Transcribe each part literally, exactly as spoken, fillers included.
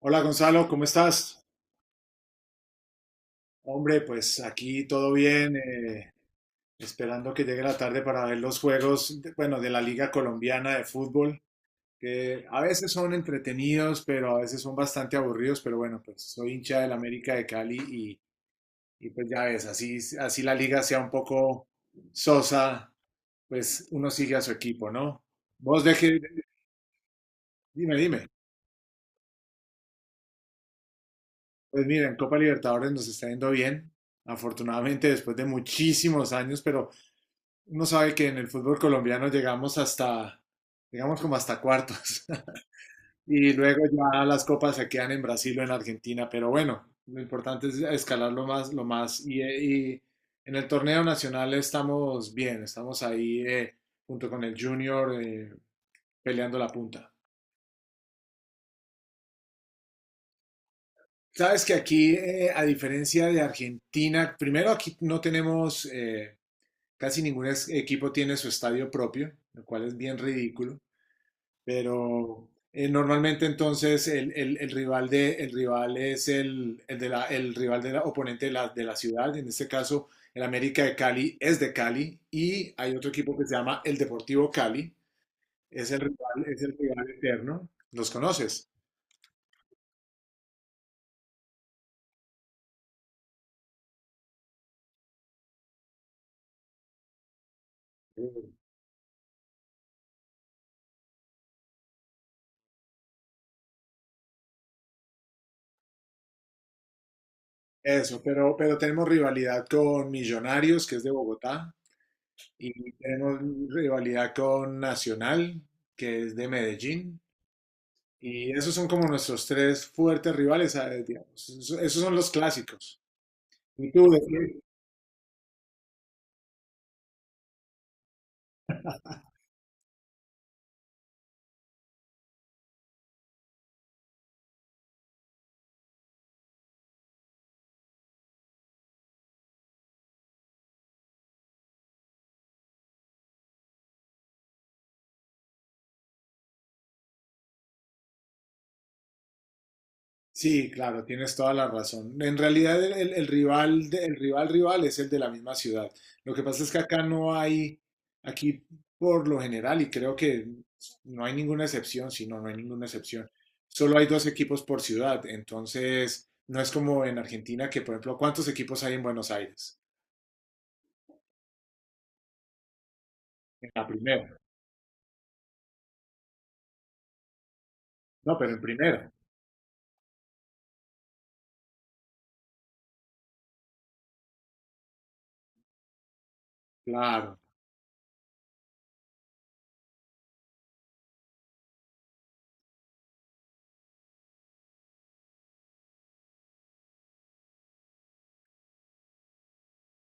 Hola Gonzalo, ¿cómo estás? Hombre, pues aquí todo bien, eh, esperando que llegue la tarde para ver los juegos, de- bueno, de la Liga Colombiana de Fútbol, que a veces son entretenidos, pero a veces son bastante aburridos, pero bueno, pues soy hincha del América de Cali y, y pues ya ves, así, así la liga sea un poco sosa, pues uno sigue a su equipo, ¿no? Vos de qué, dime, dime. Pues mira, en Copa Libertadores nos está yendo bien, afortunadamente después de muchísimos años, pero... Uno sabe que en el fútbol colombiano llegamos hasta, digamos como hasta cuartos, y luego ya las copas se quedan en Brasil o en Argentina, pero bueno, lo importante es escalar lo más, lo más, y, eh, y en el torneo nacional estamos bien, estamos ahí eh, junto con el Junior eh, peleando la punta. Sabes que aquí, eh, a diferencia de Argentina, primero aquí no tenemos, eh, casi ningún es- equipo tiene su estadio propio, lo cual es bien ridículo. Pero eh, normalmente entonces el, el- el rival de, el rival es el, el de la- el rival del oponente de la, de la ciudad. En este caso, el América de Cali es de Cali y hay otro equipo que se llama el Deportivo Cali. Es el rival, es el rival eterno. ¿Los conoces? Sí. Eso, pero, pero tenemos rivalidad con Millonarios, que es de Bogotá. Y tenemos rivalidad con Nacional, que es de Medellín. Y esos son como nuestros tres fuertes rivales, ¿sabes? Digamos. Esos, esos son los clásicos. ¿Y tú, sí, claro, tienes toda la razón. En realidad el, el- el rival, de- el rival rival es el de la misma ciudad. Lo que pasa es que acá no hay, aquí por lo general, y creo que no hay ninguna excepción, si no, no hay ninguna excepción. Solo hay dos equipos por ciudad, entonces no es como en Argentina que, por ejemplo, ¿cuántos equipos hay en Buenos Aires? En la primera. No, pero en primera. Claro,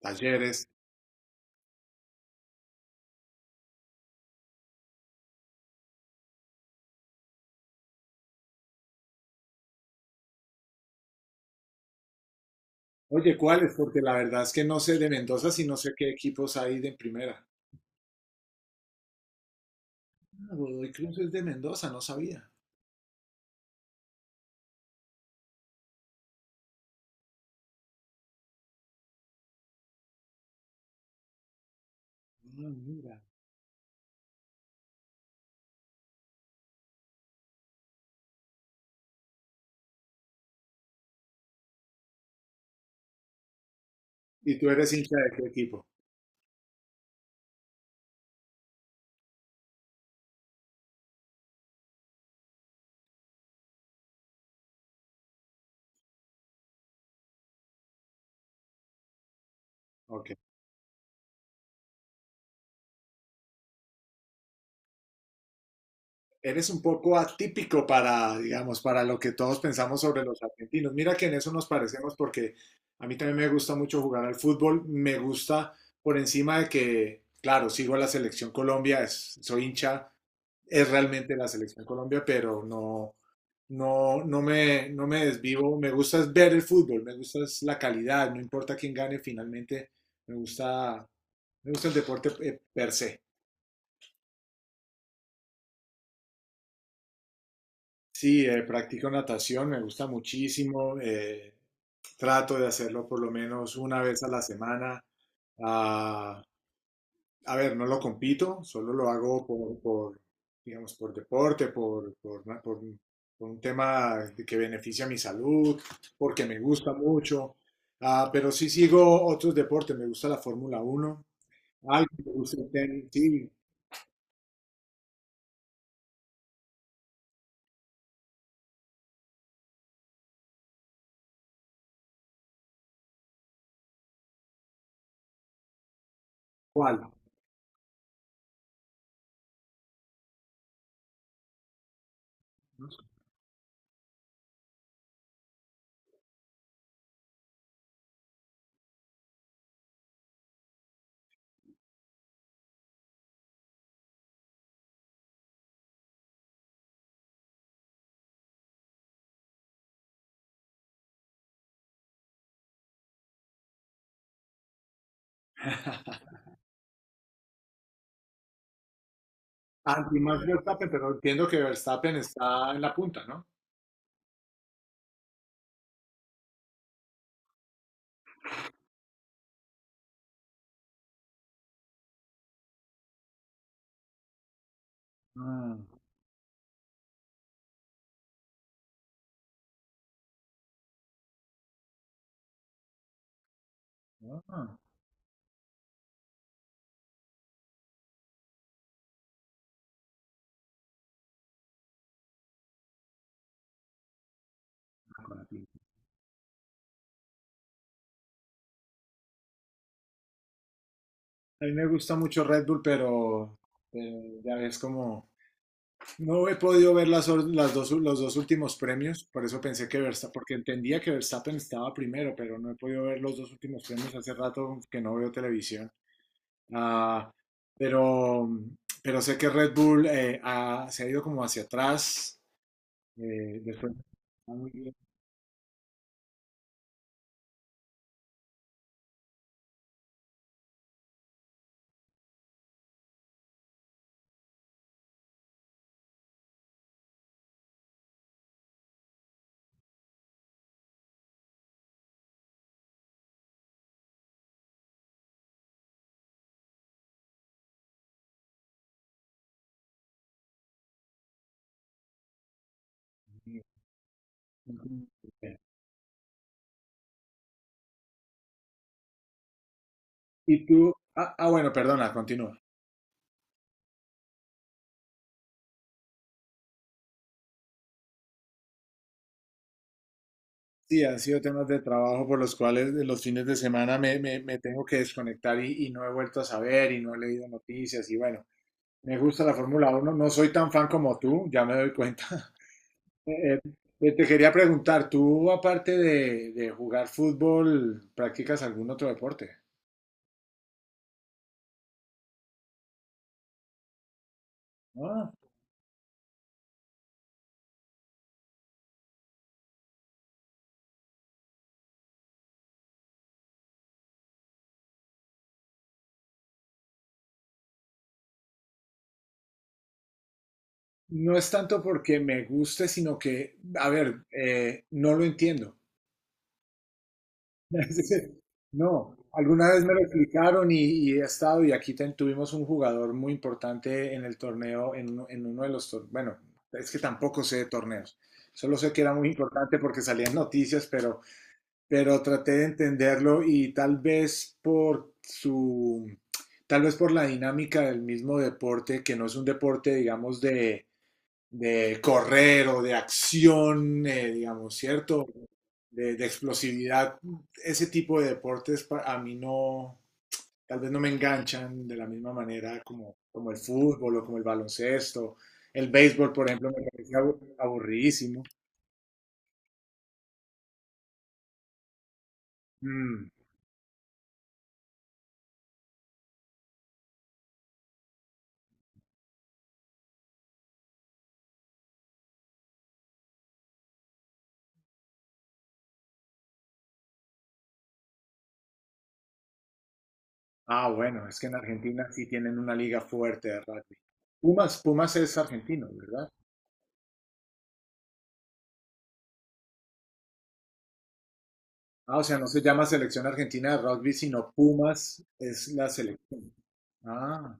Talleres. Oye, ¿cuáles? Porque la verdad es que no sé de Mendoza si no sé qué equipos hay de primera. Godoy Cruz es de Mendoza, no sabía. Ah, mira. ¿Y tú eres hincha de qué equipo? Ok. Eres un poco atípico para, digamos, para lo que todos pensamos sobre los argentinos. Mira que en eso nos parecemos porque a mí también me gusta mucho jugar al fútbol. Me gusta por encima de que, claro, sigo a la selección Colombia, es- soy hincha, es realmente la selección Colombia, pero no, no, no me, no me desvivo. Me gusta es ver el fútbol, me gusta es la calidad, no importa quién gane finalmente, me gusta. Me gusta el deporte eh, per se. Sí, eh, practico natación, me gusta muchísimo. Eh, trato de hacerlo por lo menos una vez a la semana. Ah, a ver, no lo compito, solo lo hago por, por, digamos, por deporte, por, por, una- por un por un tema que beneficia mi salud, porque me gusta mucho. Ah, pero sí sigo otros deportes, me gusta la Fórmula Uno. Algo me gusta el tenis, sí. ¿Cuál? Anti más Verstappen, pero entiendo que Verstappen está en la punta, ¿no? Ah, ah, con la pinta. A mí me gusta mucho Red Bull, pero eh, ya ves como no he podido ver las, or- las dos, u- los dos últimos premios, por eso pensé que Verstappen, porque entendía que Verstappen estaba primero, pero no he podido ver los dos últimos premios hace rato que no veo televisión. Ah, pero, pero sé que Red Bull eh, ha- se ha ido como hacia atrás, eh, después está muy bien. Y tú, ah, ah, bueno, perdona, continúa. Sí, han sido temas de trabajo por los cuales de los fines de semana me, me- me tengo que desconectar y, y no he vuelto a saber y no he leído noticias y bueno, me gusta la Fórmula Uno, no soy tan fan como tú, ya me doy cuenta. Eh, eh, te quería preguntar, tú aparte de, de jugar fútbol, ¿practicas algún otro deporte? Ah, no es tanto porque me guste, sino que, a ver, eh, no lo entiendo. No, alguna vez me lo explicaron y, y he estado y aquí ten- tuvimos un jugador muy importante en el torneo, en, uno en uno de los torneos, bueno, es que tampoco sé de torneos, solo sé que era muy importante porque salían noticias, pero, pero traté de entenderlo y tal vez por su, tal vez por la dinámica del mismo deporte, que no es un deporte, digamos, de, de correr o de acción, eh, digamos, ¿cierto? de, de explosividad, ese tipo de deportes para, a mí no, tal vez no me enganchan de la misma manera como, como el fútbol o como el baloncesto. El béisbol, por ejemplo, me parece abu- aburridísimo. Mm, ah, bueno, es que en Argentina sí tienen una liga fuerte de rugby. Pumas, Pumas es argentino, ¿verdad? Ah, o sea, no se llama selección argentina de rugby, sino Pumas es la selección. Ah,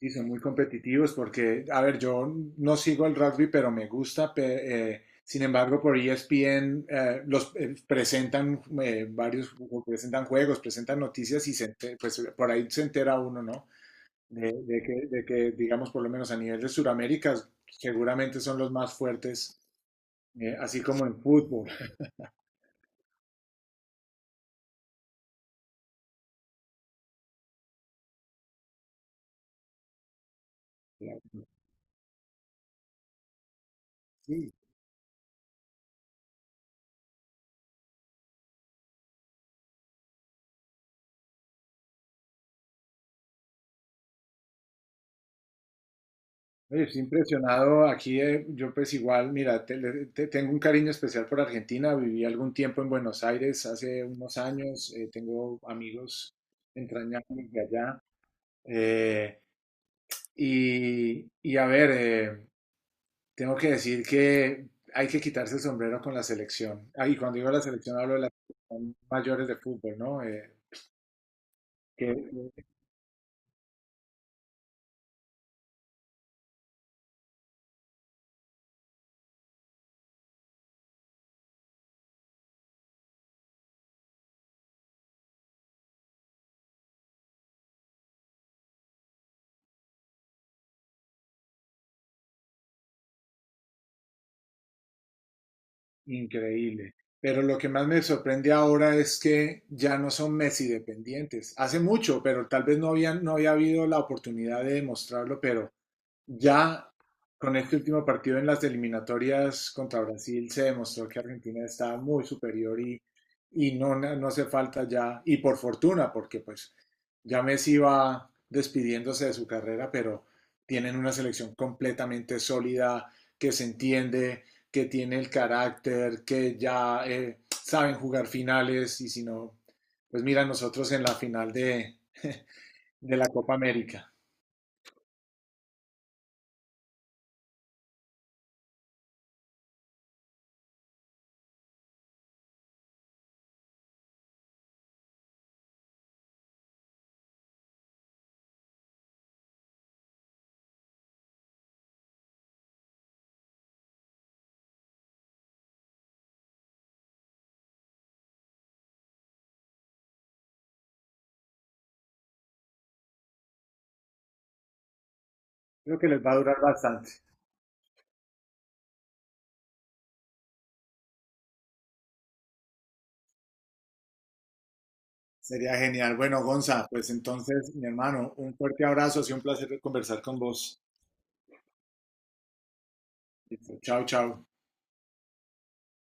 sí, son muy competitivos porque, a ver, yo no sigo el rugby, pero me gusta. Pe- eh, sin embargo, por E S P N eh, los eh, presentan eh, varios, ju- presentan juegos, presentan noticias y se ente- pues, por ahí se entera uno, ¿no? De, de que, de que, digamos, por lo menos a nivel de Sudamérica, seguramente son los más fuertes, eh, así como en fútbol. Sí, oye, estoy impresionado aquí, eh, yo pues igual, mira, te- le- te- tengo un cariño especial por Argentina, viví algún tiempo en Buenos Aires hace unos años, eh, tengo amigos entrañables de allá, eh, y, y a ver, eh, tengo que decir que hay que quitarse el sombrero con la selección. Ah, y cuando digo la selección hablo de las selección mayores de fútbol, ¿no? Eh, increíble. Pero lo que más me sorprende ahora es que ya no son Messi dependientes. Hace mucho, pero tal vez no habían, no había habido la oportunidad de demostrarlo, pero ya con este último partido en las eliminatorias contra Brasil se demostró que Argentina está muy superior y, y no, no hace falta ya, y por fortuna, porque pues ya Messi va despidiéndose de su carrera, pero tienen una selección completamente sólida, que se entiende, que tiene el carácter, que ya eh, saben jugar finales y si no, pues mira nosotros en la final de, de la Copa América. Creo que les va a durar bastante. Sería genial. Bueno, Gonza, pues entonces, mi hermano, un fuerte abrazo. Ha sido un placer conversar con vos. Listo, chao, chao.